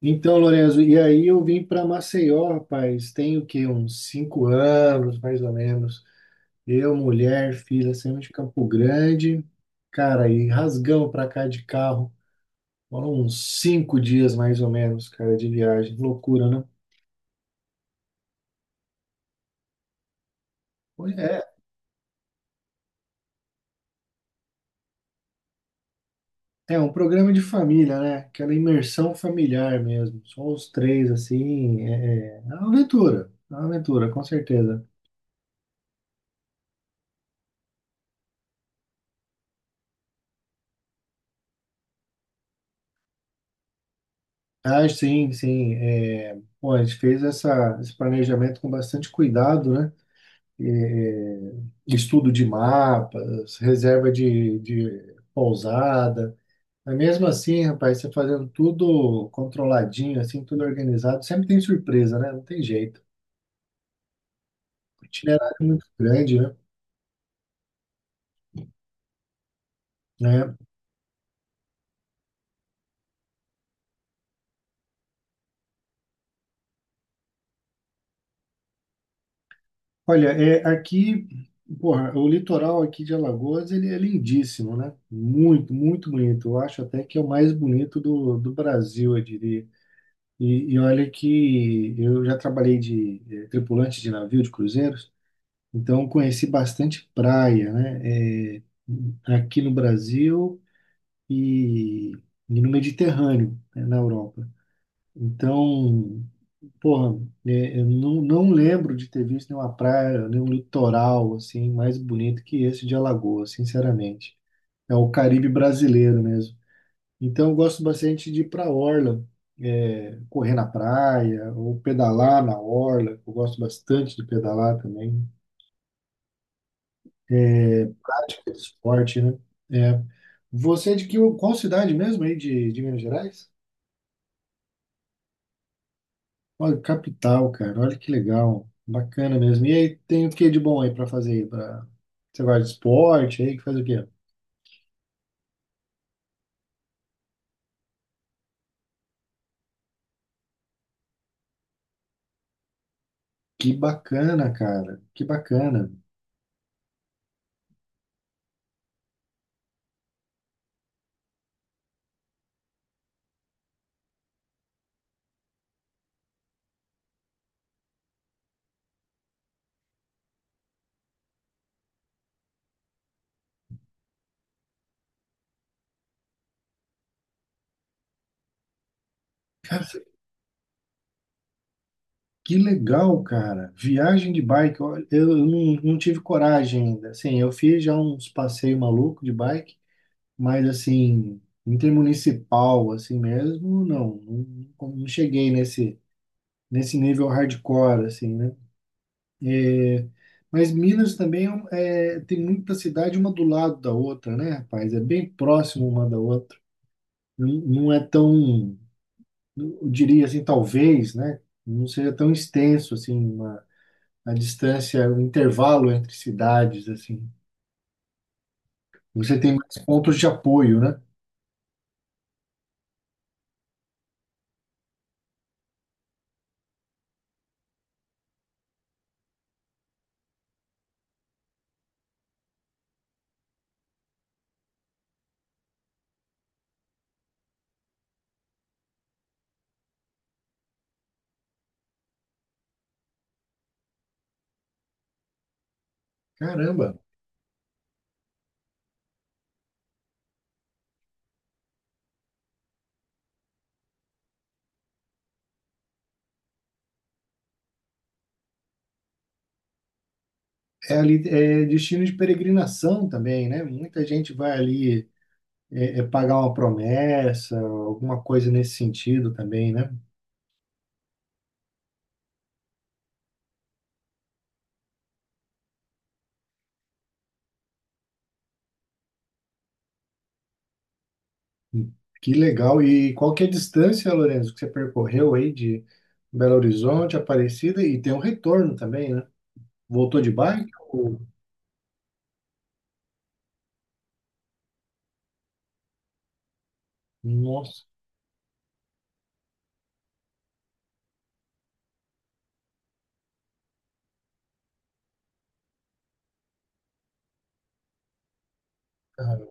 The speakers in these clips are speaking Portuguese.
Então, Lorenzo, e aí eu vim para Maceió, rapaz, tem o quê? Uns 5 anos, mais ou menos. Eu, mulher, filha, saímos de Campo Grande, cara, e rasgamos para cá de carro. Foram uns 5 dias, mais ou menos, cara, de viagem. Loucura, né? Pois é, é um programa de família, né? Aquela imersão familiar mesmo. Só os três, assim, é uma aventura, é uma aventura, com certeza. Ah, sim, sim. É, bom, a gente fez esse planejamento com bastante cuidado, né? É, estudo de mapas, reserva de pousada. Mas mesmo assim, rapaz, você fazendo tudo controladinho, assim, tudo organizado, sempre tem surpresa, né? Não tem jeito. O itinerário é muito grande, né? É. Olha, é, aqui, porra, o litoral aqui de Alagoas, ele é lindíssimo, né? Muito, muito bonito. Eu acho até que é o mais bonito do Brasil, eu diria. E olha que eu já trabalhei de tripulante de navio de cruzeiros, então conheci bastante praia, né? Aqui no Brasil e, e no Mediterrâneo, né, na Europa. Então, porra, eu não lembro de ter visto nenhuma praia, nenhum litoral assim mais bonito que esse de Alagoas, sinceramente. É o Caribe brasileiro mesmo. Então, eu gosto bastante de ir para a orla, é, correr na praia ou pedalar na orla. Eu gosto bastante de pedalar também. Prática de esporte, né? É. Você é qual cidade mesmo aí de Minas Gerais? Olha, capital, cara. Olha que legal. Bacana mesmo. E aí, tem o que de bom aí para fazer aí? Pra... Você gosta de esporte aí? Que faz o quê? Que bacana, cara. Que bacana. Que legal, cara. Viagem de bike. Olha, eu não tive coragem ainda. Assim, eu fiz já uns passeios malucos de bike, mas assim, intermunicipal, assim mesmo, não. Não cheguei nesse nível hardcore, assim, né? É, mas Minas também é, tem muita cidade uma do lado da outra, né, rapaz? É bem próximo uma da outra. Não, não é tão, eu diria assim, talvez, né? Não seja tão extenso assim, a distância, o intervalo entre cidades, assim. Você tem mais pontos de apoio, né? Caramba, é ali, é destino de peregrinação também, né? Muita gente vai ali é pagar uma promessa, alguma coisa nesse sentido também, né? Que legal. E qual que é a distância, Lourenço, que você percorreu aí de Belo Horizonte, Aparecida, e tem um retorno também, né? Voltou de bike? Nossa, cara,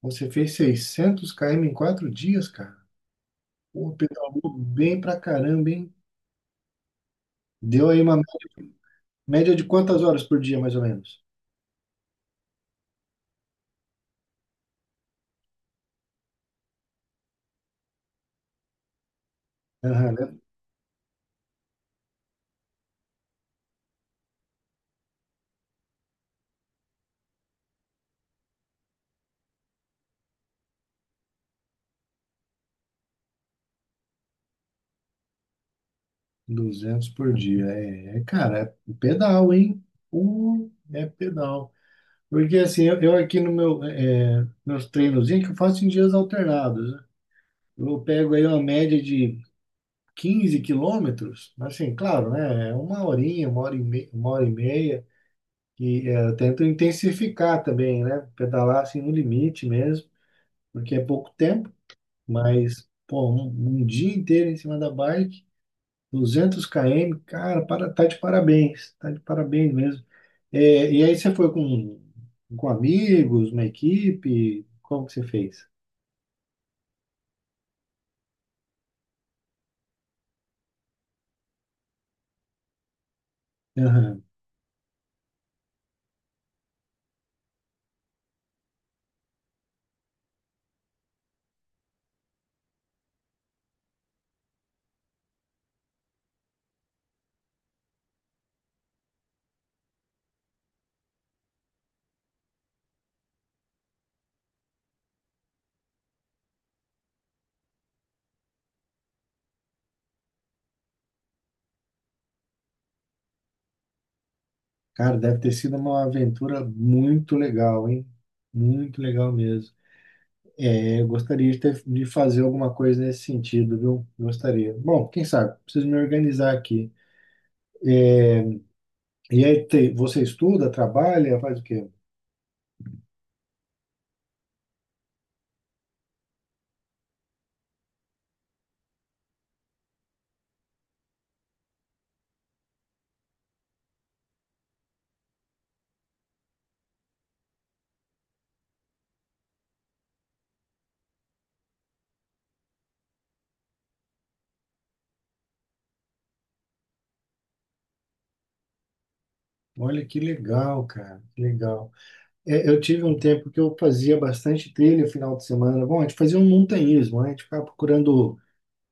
você fez 600 km em 4 dias, cara. Pô, pedalou bem pra caramba, hein? Deu aí uma média de quantas horas por dia, mais ou menos? Aham, né? 200 por dia. É, cara, é pedal, hein? É pedal. Porque assim, eu aqui no meu, meus treinozinhos é que eu faço em dias alternados, né? Eu pego aí uma média de 15 quilômetros, mas, assim, claro, né? É uma horinha, uma hora e meia, uma hora e meia. E é, eu tento intensificar também, né? Pedalar assim no limite mesmo, porque é pouco tempo. Mas, pô, um dia inteiro em cima da bike, 200 km, cara, para, tá de parabéns mesmo. É, e aí você foi com amigos, uma equipe, como que você fez? Aham. Cara, deve ter sido uma aventura muito legal, hein? Muito legal mesmo. É, eu gostaria de fazer alguma coisa nesse sentido, viu? Gostaria. Bom, quem sabe? Preciso me organizar aqui. E aí, você estuda, trabalha, faz o quê? Olha que legal, cara, que legal. É, eu tive um tempo que eu fazia bastante trilha no final de semana. Bom, a gente fazia um montanhismo, né? A gente ficava procurando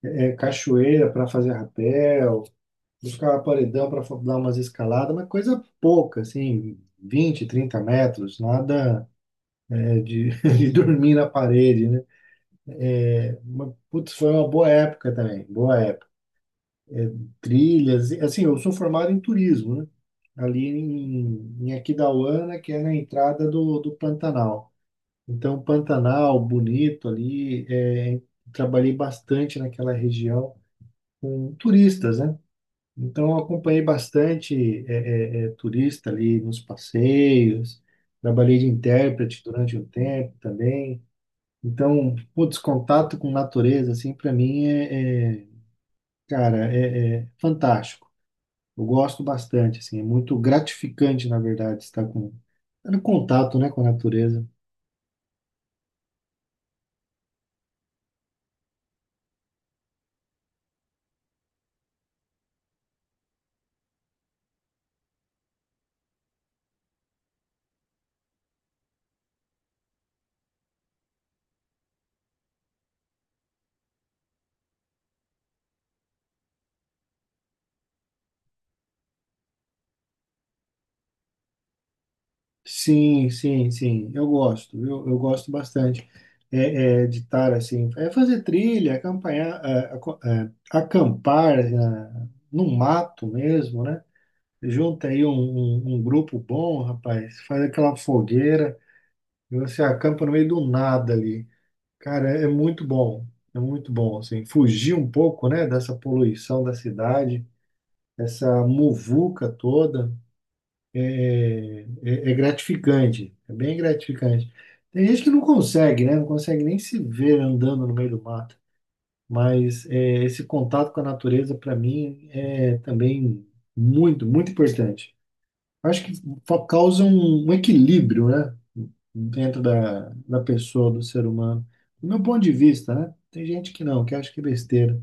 cachoeira para fazer rapel, buscava paredão para dar umas escaladas, mas coisa pouca, assim, 20, 30 metros, nada é, de, de dormir na parede, né? Mas, putz, foi uma boa época também, boa época. É, trilhas. Assim, eu sou formado em turismo, né? Ali em Aquidauana, que é na entrada do Pantanal. Então, Pantanal, bonito ali, é, trabalhei bastante naquela região com turistas, né? Então, eu acompanhei bastante turista ali nos passeios, trabalhei de intérprete durante um tempo também. Então, putz, contato com natureza, assim, para mim cara, é fantástico. Eu gosto bastante, assim, é muito gratificante, na verdade, estar com, estar em contato, né, com a natureza. Sim, sim, sim, eu gosto bastante de estar, assim, é fazer trilha, acampanhar, acampar no mato mesmo, né? Junta aí um grupo bom, rapaz, faz aquela fogueira e você acampa no meio do nada ali. Cara, é muito bom, assim, fugir um pouco, né, dessa poluição da cidade, essa muvuca toda é gratificante, é bem gratificante. Tem gente que não consegue, né? Não consegue nem se ver andando no meio do mato, mas é, esse contato com a natureza, para mim, é também muito, muito importante. Acho que causa um equilíbrio, né? Dentro da pessoa, do ser humano. Do meu ponto de vista, né? Tem gente que não, que acha que é besteira,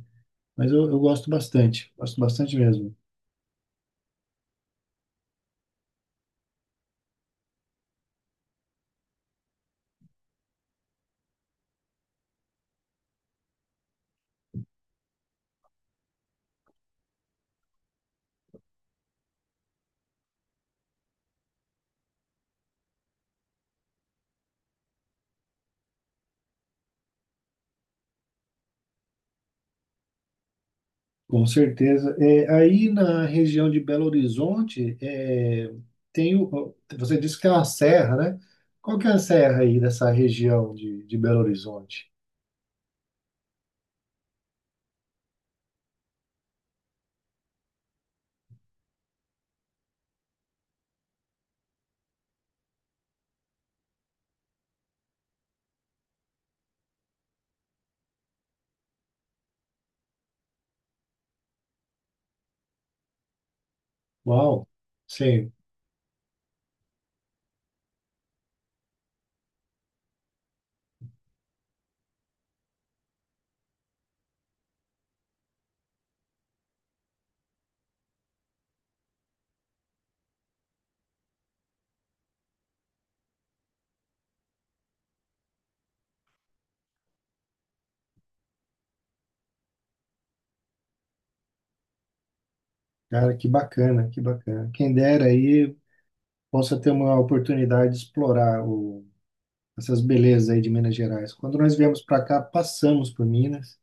mas eu gosto bastante mesmo. Com certeza. É, aí na região de Belo Horizonte, é, você disse que é uma serra, né? Qual que é a serra aí dessa região de Belo Horizonte? Uau! Sim, cara, que bacana, que bacana. Quem dera aí possa ter uma oportunidade de explorar essas belezas aí de Minas Gerais. Quando nós viemos para cá, passamos por Minas,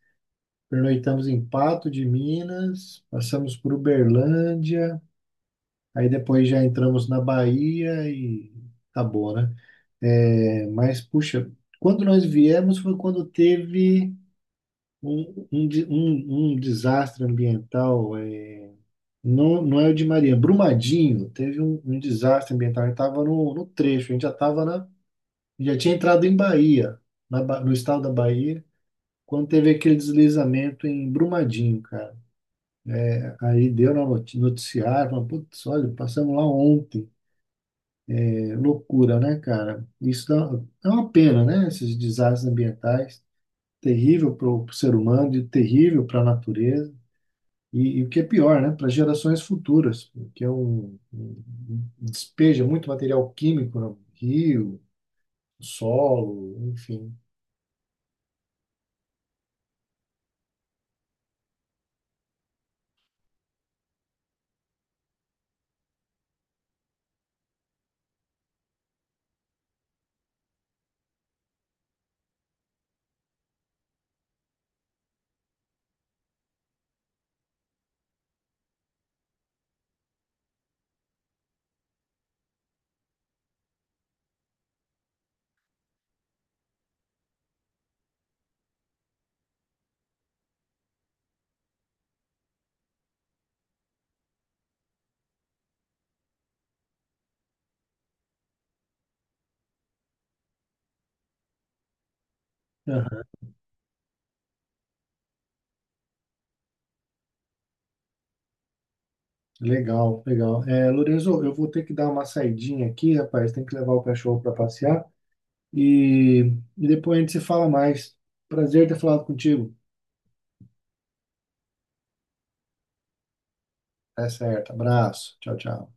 pernoitamos em Pato de Minas, passamos por Uberlândia, aí depois já entramos na Bahia e acabou, né? É, mas, puxa, quando nós viemos foi quando teve um desastre ambiental. Não, não é o de Maria, Brumadinho. Teve um desastre ambiental. A gente estava no trecho, a gente já estava já tinha entrado em Bahia, no estado da Bahia, quando teve aquele deslizamento em Brumadinho, cara. Aí deu na noticiário, falando, putz, olha, passamos lá ontem. É loucura, né, cara? Isso dá, é uma pena, né? Esses desastres ambientais, terrível para o ser humano e terrível para a natureza. E o que é pior, né? Para gerações futuras, porque é um despeja muito material químico no rio, no solo, enfim. Aham. Legal, legal. É, Lorenzo, eu vou ter que dar uma saidinha aqui, rapaz. Tem que levar o cachorro para passear. E depois a gente se fala mais. Prazer ter falado contigo. Tá certo. Abraço. Tchau, tchau.